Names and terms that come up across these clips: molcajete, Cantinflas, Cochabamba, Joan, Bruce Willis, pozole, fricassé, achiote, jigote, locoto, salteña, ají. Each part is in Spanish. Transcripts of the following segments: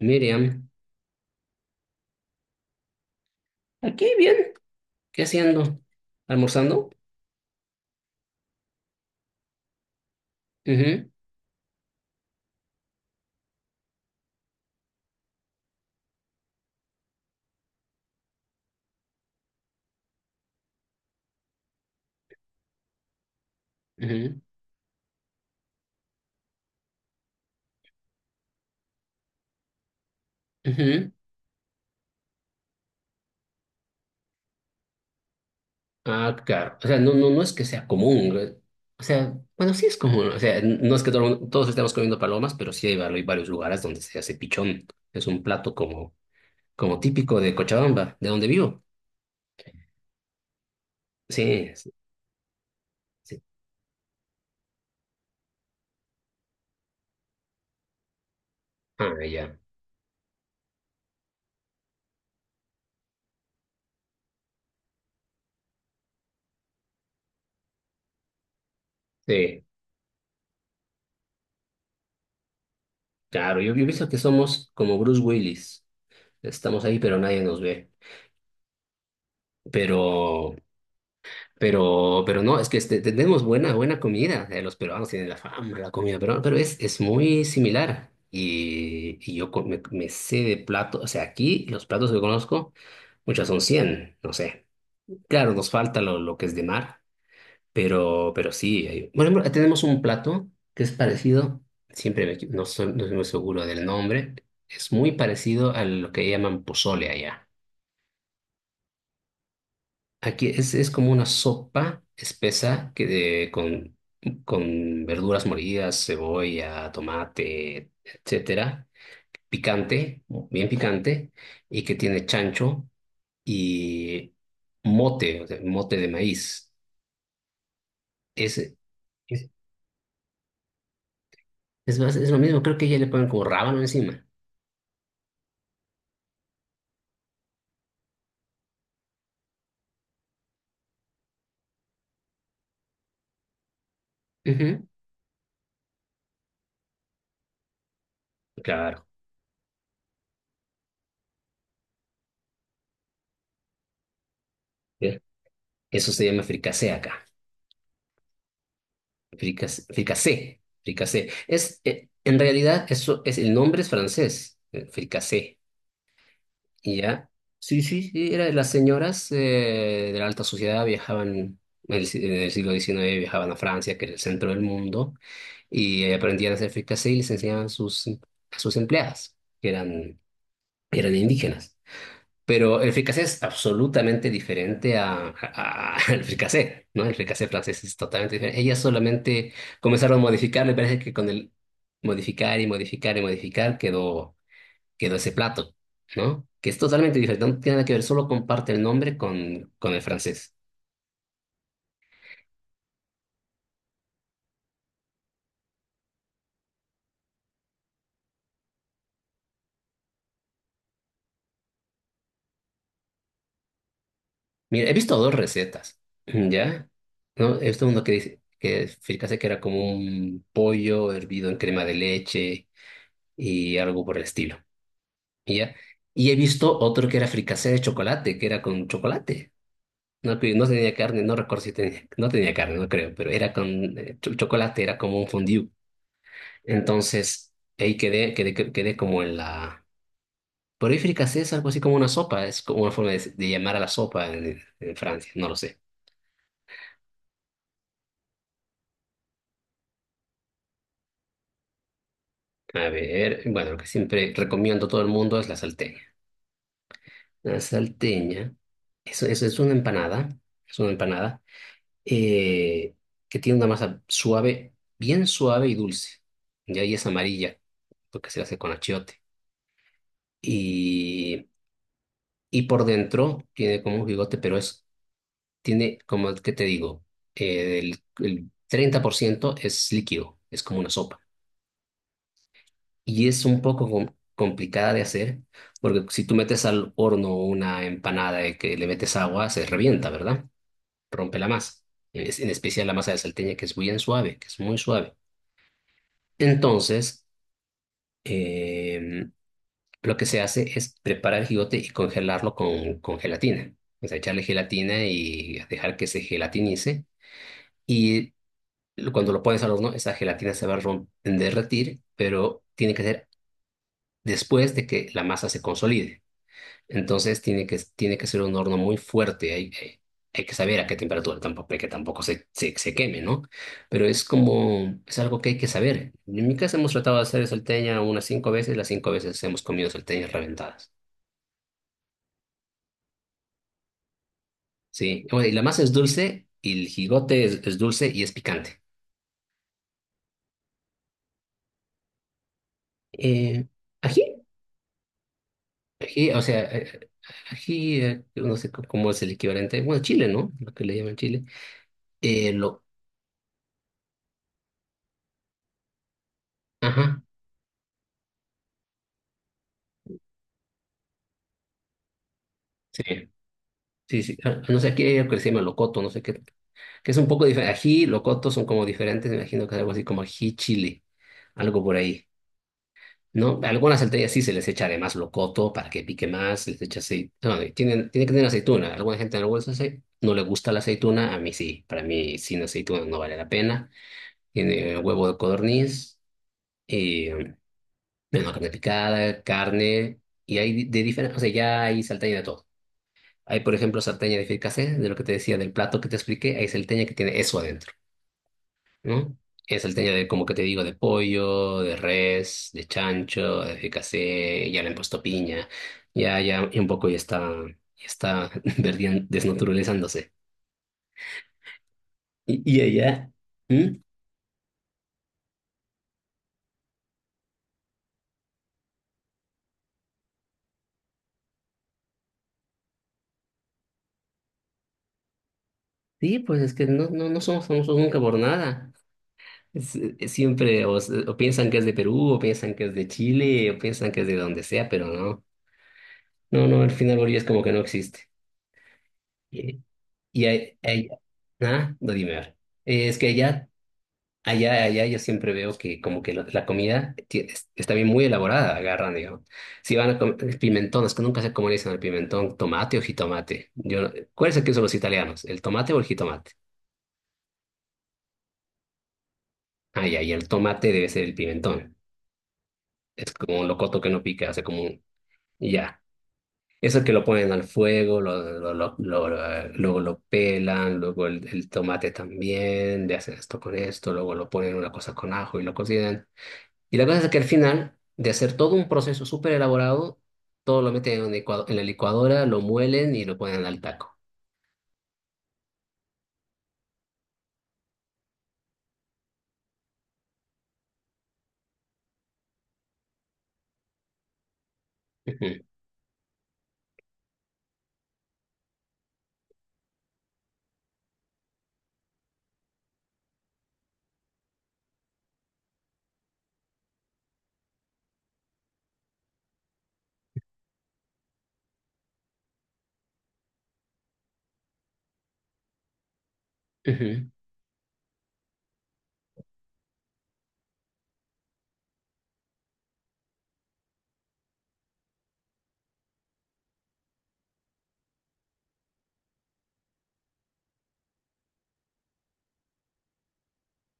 Miriam, aquí bien, ¿qué haciendo? ¿Almorzando? Ujú, ujú, ujú. Ah, claro. O sea, no, no, no es que sea común. O sea, bueno, sí es común. O sea, no es que todos estemos comiendo palomas, pero sí hay varios lugares donde se hace pichón. Es un plato como típico de Cochabamba, de donde vivo. Sí, sí, sí. Ah, ya. Sí, claro. Yo he visto que somos como Bruce Willis. Estamos ahí, pero nadie nos ve. Pero pero no, es que este, tenemos buena, buena comida. Los peruanos tienen la fama de la comida peruana, pero es muy similar. Y me sé de platos. O sea, aquí los platos que conozco, muchas son 100 no sé. Claro, nos falta lo que es de mar, pero sí. Por ejemplo, tenemos un plato que es parecido. Siempre no soy muy seguro del nombre, es muy parecido a lo que llaman pozole allá. Aquí es como una sopa espesa que de, con verduras molidas, cebolla, tomate, etcétera, picante, bien picante, y que tiene chancho y mote, o sea, mote de maíz. Es, es, es lo mismo, creo que ya le ponen como rábano encima. Ujú, claro, ¿eh? Eso se llama fricasé acá. Fricasé. En realidad, eso es, el nombre es francés, fricasé. Y ya. Sí, sí, sí, era, las señoras de la alta sociedad viajaban, en el, si- en el siglo XIX viajaban a Francia, que era el centro del mundo, y aprendían a hacer fricassé y les enseñaban a sus empleadas, que eran indígenas. Pero el fricassé es absolutamente diferente al fricassé, ¿no? El fricassé francés es totalmente diferente. Ellas solamente comenzaron a modificar, me parece que con el modificar y modificar y modificar quedó ese plato, ¿no? Que es totalmente diferente, no tiene nada que ver, solo comparte el nombre con el francés. Mira, he visto dos recetas, ¿ya? ¿No? He visto uno que dice, que fíjate que era como un pollo hervido en crema de leche y algo por el estilo, ¿ya? Y he visto otro que era fricasé de chocolate, que era con chocolate. No, que no tenía carne, no recuerdo si tenía, no tenía carne, no creo, pero era con chocolate, era como un fondue. Entonces, ahí quedé como en la. Pero fricasé es algo así como una sopa, es como una forma de llamar a la sopa en Francia, no lo sé. A ver, bueno, lo que siempre recomiendo a todo el mundo es la salteña. La salteña eso es una empanada, eh, que tiene una masa suave, bien suave y dulce. Y ahí es amarilla, porque se hace con achiote. Y, y por dentro tiene como un bigote, pero tiene, como qué te digo, el 30% es líquido, es como una sopa. Y es un poco complicada de hacer, porque si tú metes al horno una empanada de que le metes agua, se revienta, ¿verdad? Rompe la masa. En especial la masa de salteña, que es bien suave, que es muy suave. Entonces, eh, lo que se hace es preparar el jigote y congelarlo con gelatina. O sea, echarle gelatina y dejar que se gelatinice. Y cuando lo pones al horno, esa gelatina se va a derretir, pero tiene que ser después de que la masa se consolide. Entonces tiene que ser un horno muy fuerte. Hay que saber a qué temperatura tampoco, que tampoco se queme, ¿no? Pero es como, es algo que hay que saber. En mi casa hemos tratado de hacer salteña unas cinco veces, las cinco veces hemos comido salteñas reventadas. Sí, bueno, y la masa es dulce, y el jigote es dulce y es picante. Eh, Ají, ají, o sea, ají, no sé cómo es el equivalente. Bueno, chile, ¿no? Lo que le llaman chile. Eh, lo, ajá, sí. Sí, sí. Ah, no sé, aquí hay que se llama locoto, no sé qué, que es un poco diferente. Ají, locoto son como diferentes, me imagino que es algo así como ají chile, algo por ahí. ¿No? Algunas salteñas sí se les echa además locoto para que pique más, se les echa aceite. Bueno, y tiene que tener aceituna. Alguna gente no le gusta la aceituna, a mí sí. Para mí sin aceituna no vale la pena. Tiene huevo de codorniz, y, bueno, carne picada, carne, y hay de diferentes, o sea, ya hay salteña de todo. Hay, por ejemplo, salteña de fricasé, de lo que te decía del plato que te expliqué, hay salteña que tiene eso adentro, ¿no? Es salteña de, como que te digo, de pollo, de res, de chancho, de fricasé, ya le han puesto piña, ya, ya, y un poco ya está desnaturalizándose. Y allá. ¿Mm? Sí, pues es que no, no, no somos famosos nunca por nada. Es siempre o, o piensan que es de Perú, o piensan que es de Chile, o piensan que es de donde sea, pero no. No, no, al final Bolivia es como que no existe. Y ahí- ahí- ah, no, dime, a ver. Es que allá yo siempre veo que como que la comida está bien muy elaborada, agarran, digamos. Si van a comer pimentón, es que nunca sé cómo le dicen al pimentón, tomate o jitomate. Yo, no- ¿Cuál es el que usan los italianos? ¿El tomate o el jitomate? Ah, ya, y el tomate debe ser el pimentón. Es como un locoto que no pica, o sea, como un, y ya. Eso que lo ponen al fuego, luego lo pelan, luego el tomate también, le hacen esto con esto, luego lo ponen una cosa con ajo y lo cocinan. Y la cosa es que al final, de hacer todo un proceso súper elaborado, todo lo meten en la licuadora, lo muelen y lo ponen al taco. Ujú, ujú.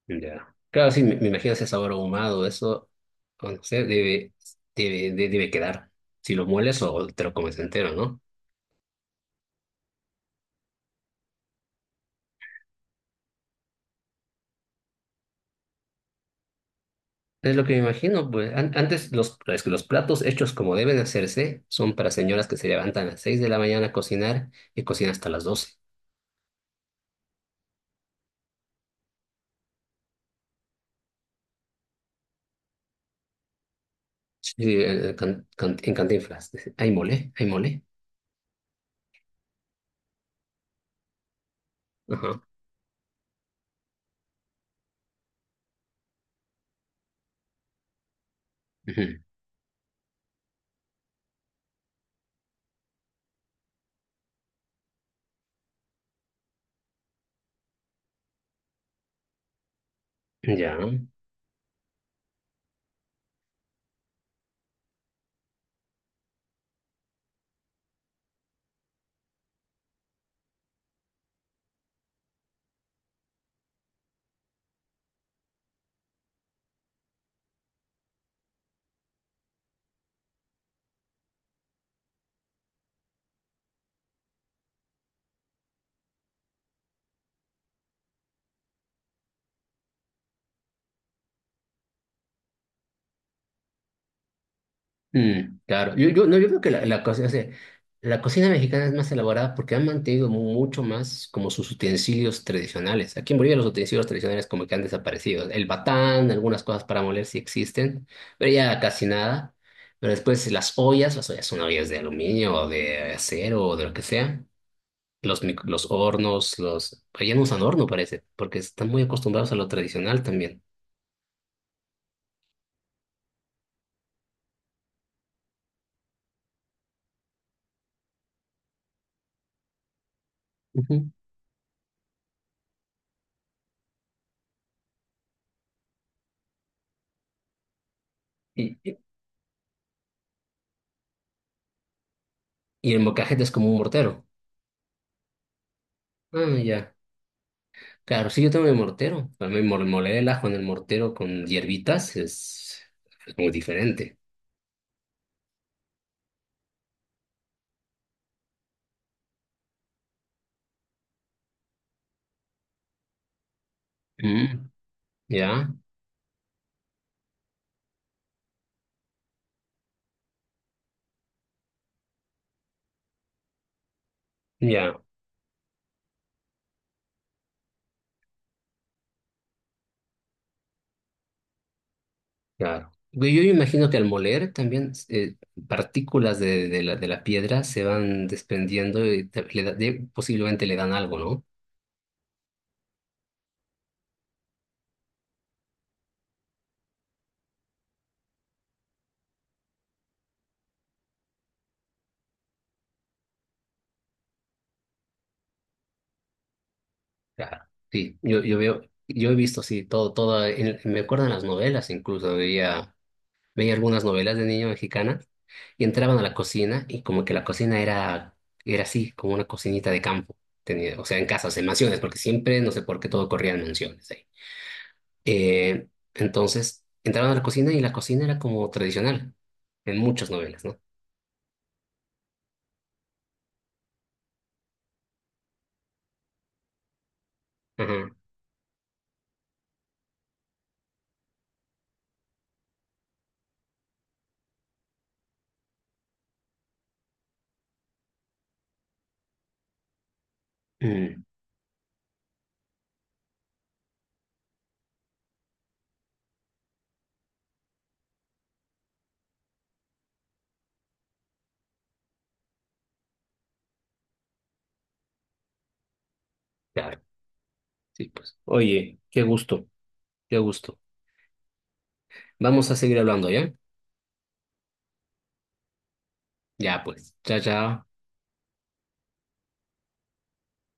Ya. Claro, sí, me imagino ese sabor ahumado, eso, o no sé, debe quedar. Si lo mueles o te lo comes entero, ¿no? Es lo que me imagino, pues es que los platos hechos como deben de hacerse son para señoras que se levantan a las 6 de la mañana a cocinar y cocinan hasta las 12. Sí, en Cantinflas. Hay mole, hay mole. Ajá. Ujú. Ya. Mm, claro, no, yo creo que la cosa, o sea, la cocina mexicana es más elaborada porque han mantenido mucho más como sus utensilios tradicionales. Aquí en Bolivia los utensilios tradicionales como que han desaparecido. El batán, algunas cosas para moler sí existen, pero ya casi nada. Pero después las ollas son ollas de aluminio o de acero o de lo que sea. Los hornos, Pero ya no usan horno, parece, porque están muy acostumbrados a lo tradicional también. Ujú. Y, y y el molcajete es como un mortero. Ah, ya. Claro, sí, yo tengo mi mortero. También moler el ajo en el mortero con hierbitas es muy diferente. Mm, ya, ya, claro. Yo imagino que al moler también partículas de la piedra se van desprendiendo y posiblemente le dan algo, ¿no? Claro. Sí, yo he visto, sí, todo, todo, me acuerdo en las novelas incluso, veía algunas novelas de niño mexicanas y entraban a la cocina y como que la cocina era así, como una cocinita de campo. Tenía, o sea, en casas, en mansiones, porque siempre, no sé por qué, todo corría en mansiones ahí. Eh, entonces, entraban a la cocina y la cocina era como tradicional en muchas novelas, ¿no? Ajá. Mm, claro, sí, pues. Oye, qué gusto, qué gusto. Vamos a seguir hablando, ¿ya? Ya, pues. Chao, chao.